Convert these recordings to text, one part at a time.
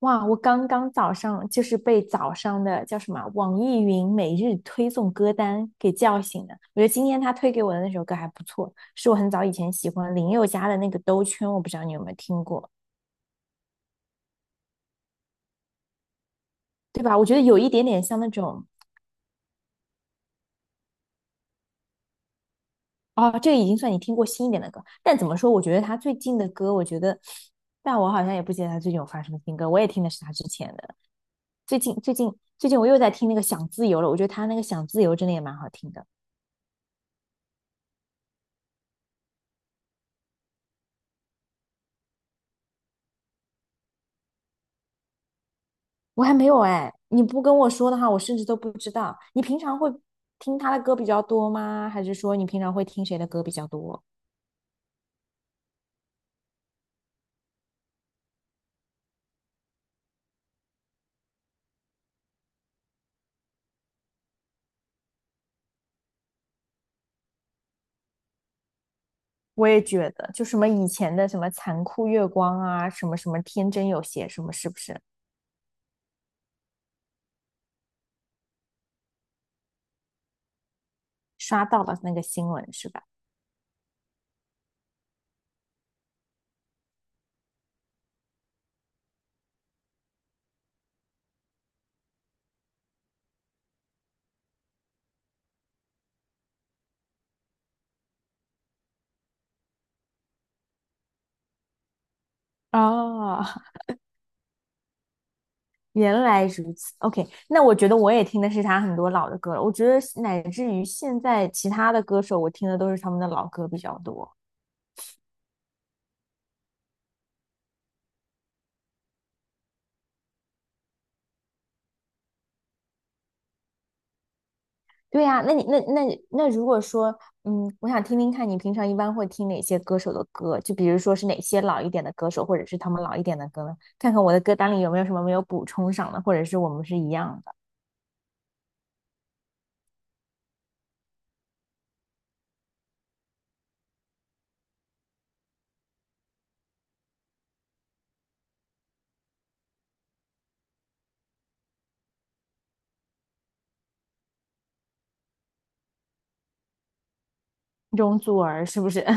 哇，我刚刚早上就是被早上的叫什么啊网易云每日推送歌单给叫醒的。我觉得今天他推给我的那首歌还不错，是我很早以前喜欢林宥嘉的那个《兜圈》，我不知道你有没有听过，对吧？我觉得有一点点像那种。哦，这个已经算你听过新一点的歌。但怎么说，我觉得他最近的歌，我觉得，但我好像也不记得他最近有发什么新歌，我也听的是他之前的。最近我又在听那个《想自由》了，我觉得他那个《想自由》真的也蛮好听的。我还没有哎，你不跟我说的话，我甚至都不知道。你平常会听他的歌比较多吗？还是说你平常会听谁的歌比较多？我也觉得，就什么以前的什么残酷月光啊，什么什么天真有邪，什么是不是刷到了那个新闻是吧？哦，原来如此，OK，那我觉得我也听的是他很多老的歌了。我觉得乃至于现在其他的歌手，我听的都是他们的老歌比较多。对呀，那你那那那如果说，我想听听看你平常一般会听哪些歌手的歌，就比如说是哪些老一点的歌手，或者是他们老一点的歌呢？看看我的歌单里有没有什么没有补充上的，或者是我们是一样的。容祖儿是不是？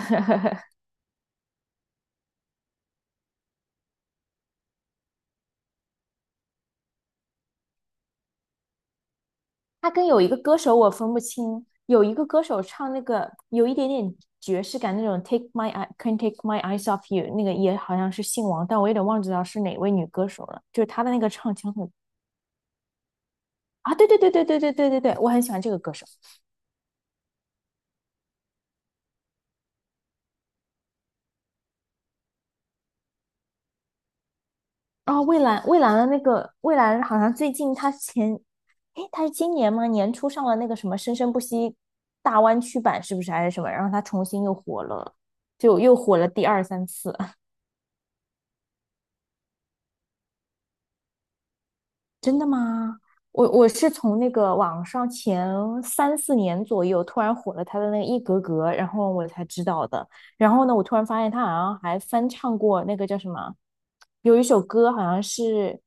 她跟有一个歌手我分不清，有一个歌手唱那个有一点点爵士感那种《Take My Eye Can't a k e My Eyes Off You》，那个也好像是姓王，但我有点忘记了是哪位女歌手了。就是她的那个唱腔很啊，对对对对对对对对对，我很喜欢这个歌手。哦，蔚蓝，蔚蓝的那个蔚蓝，好像最近他前，诶，他是今年吗？年初上了那个什么《生生不息》大湾区版，是不是还是什么？然后他重新又火了，就又火了第二三次。真的吗？我是从那个网上前三四年左右突然火了他的那个一格格，然后我才知道的。然后呢，我突然发现他好像还翻唱过那个叫什么，有一首歌好像是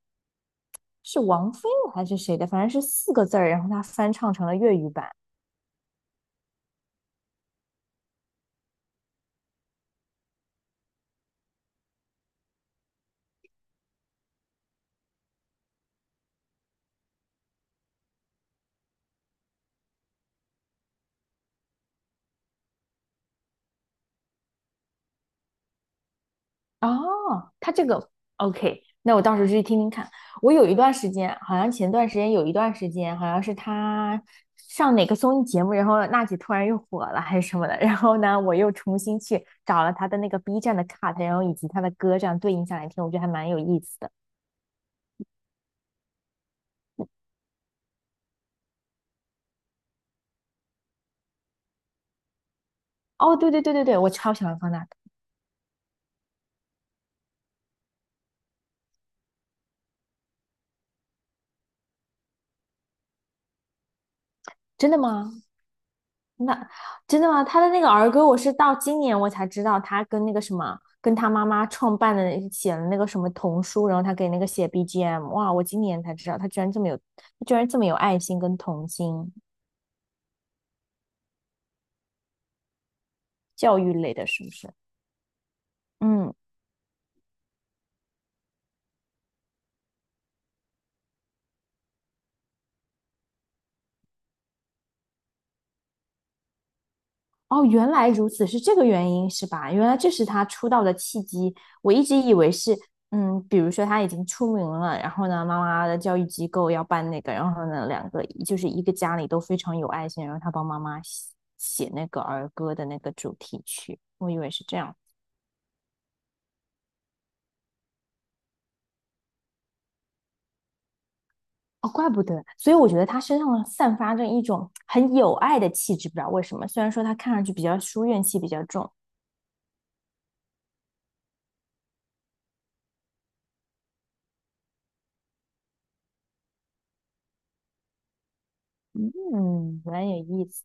是王菲的还是谁的，反正是四个字儿，然后他翻唱成了粤语版。哦，他这个 OK，那我到时候去听听看。我有一段时间，好像前段时间有一段时间，好像是他上哪个综艺节目，然后娜姐突然又火了还是什么的，然后呢，我又重新去找了他的那个 B 站的 cut，然后以及他的歌这样对应下来听，我觉得还蛮有意思的。哦，对对对对对，我超喜欢方大同。真的吗？那真的吗？他的那个儿歌，我是到今年我才知道，他跟那个什么，跟他妈妈创办的写了那个什么童书，然后他给那个写 BGM。哇，我今年才知道，他居然这么有，他居然这么有爱心跟童心教育类的，是不是？嗯。哦，原来如此，是这个原因是吧？原来这是他出道的契机。我一直以为是，嗯，比如说他已经出名了，然后呢，妈妈的教育机构要办那个，然后呢，两个就是一个家里都非常有爱心，然后他帮妈妈写那个儿歌的那个主题曲，我以为是这样。哦，怪不得。所以我觉得他身上散发着一种很有爱的气质，不知道为什么。虽然说他看上去比较书怨气比较重，嗯，蛮有意思。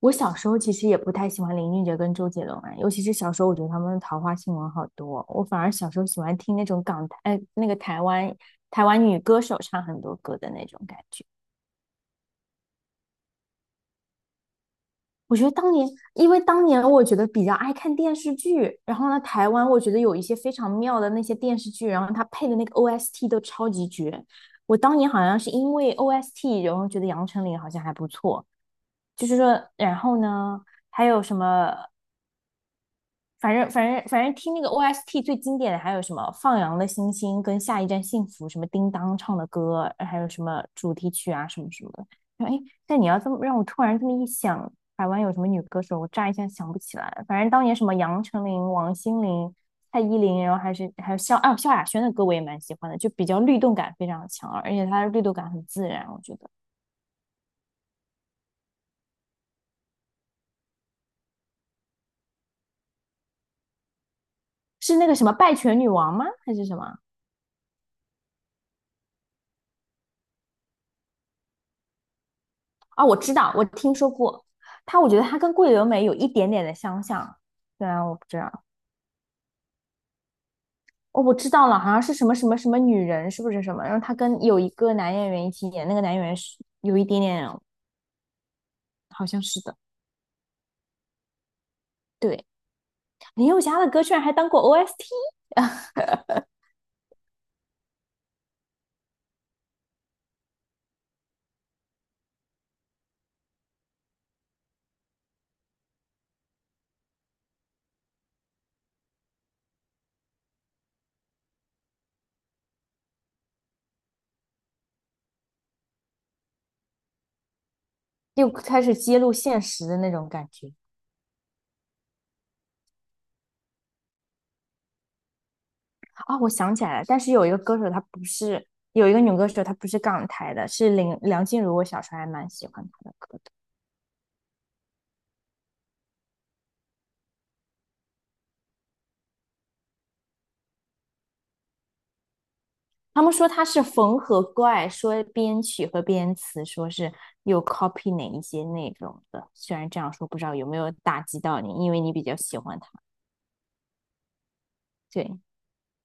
我小时候其实也不太喜欢林俊杰跟周杰伦啊，尤其是小时候，我觉得他们的桃花新闻好多。我反而小时候喜欢听那种港台，那个台湾女歌手唱很多歌的那种感觉。我觉得当年，因为当年我觉得比较爱看电视剧，然后呢，台湾我觉得有一些非常妙的那些电视剧，然后它配的那个 OST 都超级绝。我当年好像是因为 OST，然后觉得杨丞琳好像还不错，就是说，然后呢，还有什么？反正听那个 OST 最经典的还有什么《放羊的星星》跟《下一站幸福》，什么叮当唱的歌，还有什么主题曲啊什么什么的。哎，但你要这么让我突然这么一想，台湾有什么女歌手，我乍一下想不起来。反正当年什么杨丞琳、王心凌、蔡依林，然后还是还有萧啊萧亚轩的歌，我也蛮喜欢的，就比较律动感非常强，而且她的律动感很自然，我觉得是那个什么《拜权女王》吗？还是什么？啊，我知道，我听说过它，我觉得它跟桂纶镁有一点点的相像。对啊，我不知道，哦，我知道了，好像是什么什么什么女人，是不是什么？然后她跟有一个男演员一起演，那个男演员是有一点点，好像是的。对，林宥嘉的歌居然还当过 OST，又开始揭露现实的那种感觉啊！我想起来了，但是有一个歌手，她不是有一个女歌手，她不是港台的，是林梁静茹，我小时候还蛮喜欢她的歌。的。他们说他是缝合怪，说编曲和编词，说是又 copy 哪一些内容的。虽然这样说，不知道有没有打击到你，因为你比较喜欢他。对，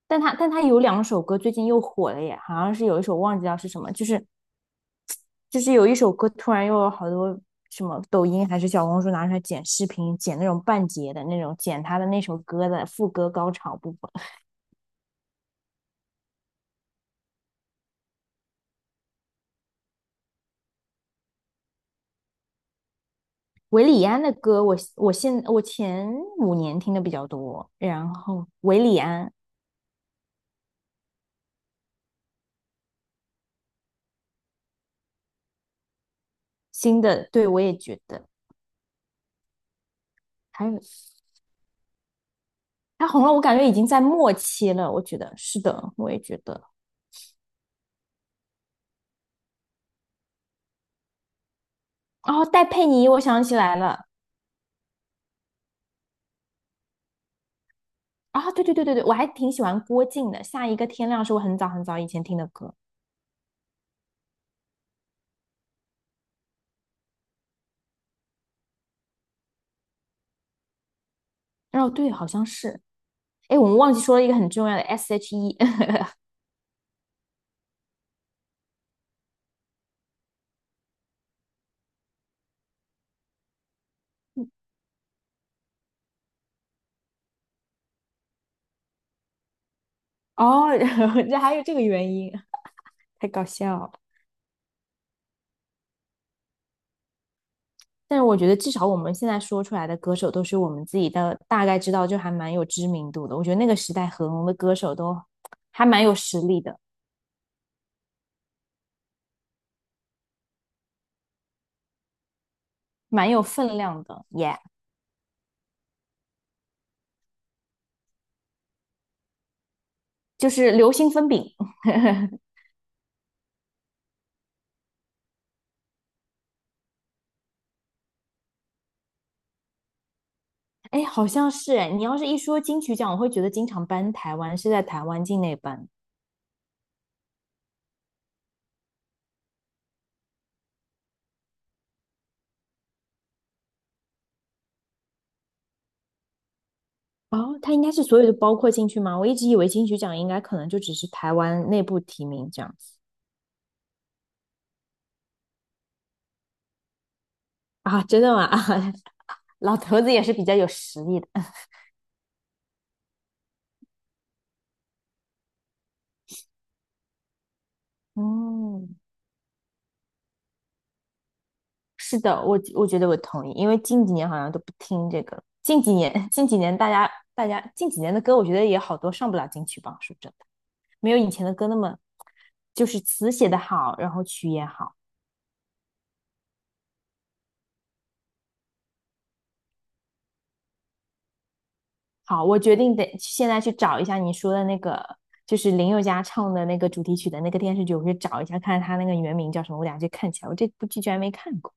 但他有两首歌最近又火了耶，好像是有一首忘记掉是什么，就是有一首歌突然又有好多什么抖音还是小红书拿出来剪视频，剪那种半截的那种，剪他的那首歌的副歌高潮部分。韦礼安的歌我，我前5年听的比较多，然后韦礼安新的，对，我也觉得，还有他红了，我感觉已经在末期了，我觉得是的，我也觉得。哦，戴佩妮，我想起来了，啊、对对对对对，我还挺喜欢郭靖的，《下一个天亮》是我很早很早以前听的歌，哦，对，好像是，哎，我们忘记说了一个很重要的 S.H.E，哦，然后这还有这个原因，太搞笑了。但是我觉得至少我们现在说出来的歌手都是我们自己的大概知道，就还蛮有知名度的。我觉得那个时代很红的歌手都还蛮有实力的。蛮有分量的耶就是流星分饼。哎，好像是哎，你要是一说金曲奖，我会觉得经常颁台湾是在台湾境内颁。哦，它应该是所有的包括进去吗？我一直以为金曲奖应该可能就只是台湾内部提名这样子啊，真的吗？啊，老头子也是比较有实力的。嗯，是的，我觉得我同意，因为近几年好像都不听这个了近几年 近几年大家近几年的歌，我觉得也好多上不了金曲榜，是真的。没有以前的歌那么，就是词写的好，然后曲也好。好，我决定得现在去找一下你说的那个，就是林宥嘉唱的那个主题曲的那个电视剧，我去找一下，看看他那个原名叫什么，我俩就看起来。我这部剧居然没看过。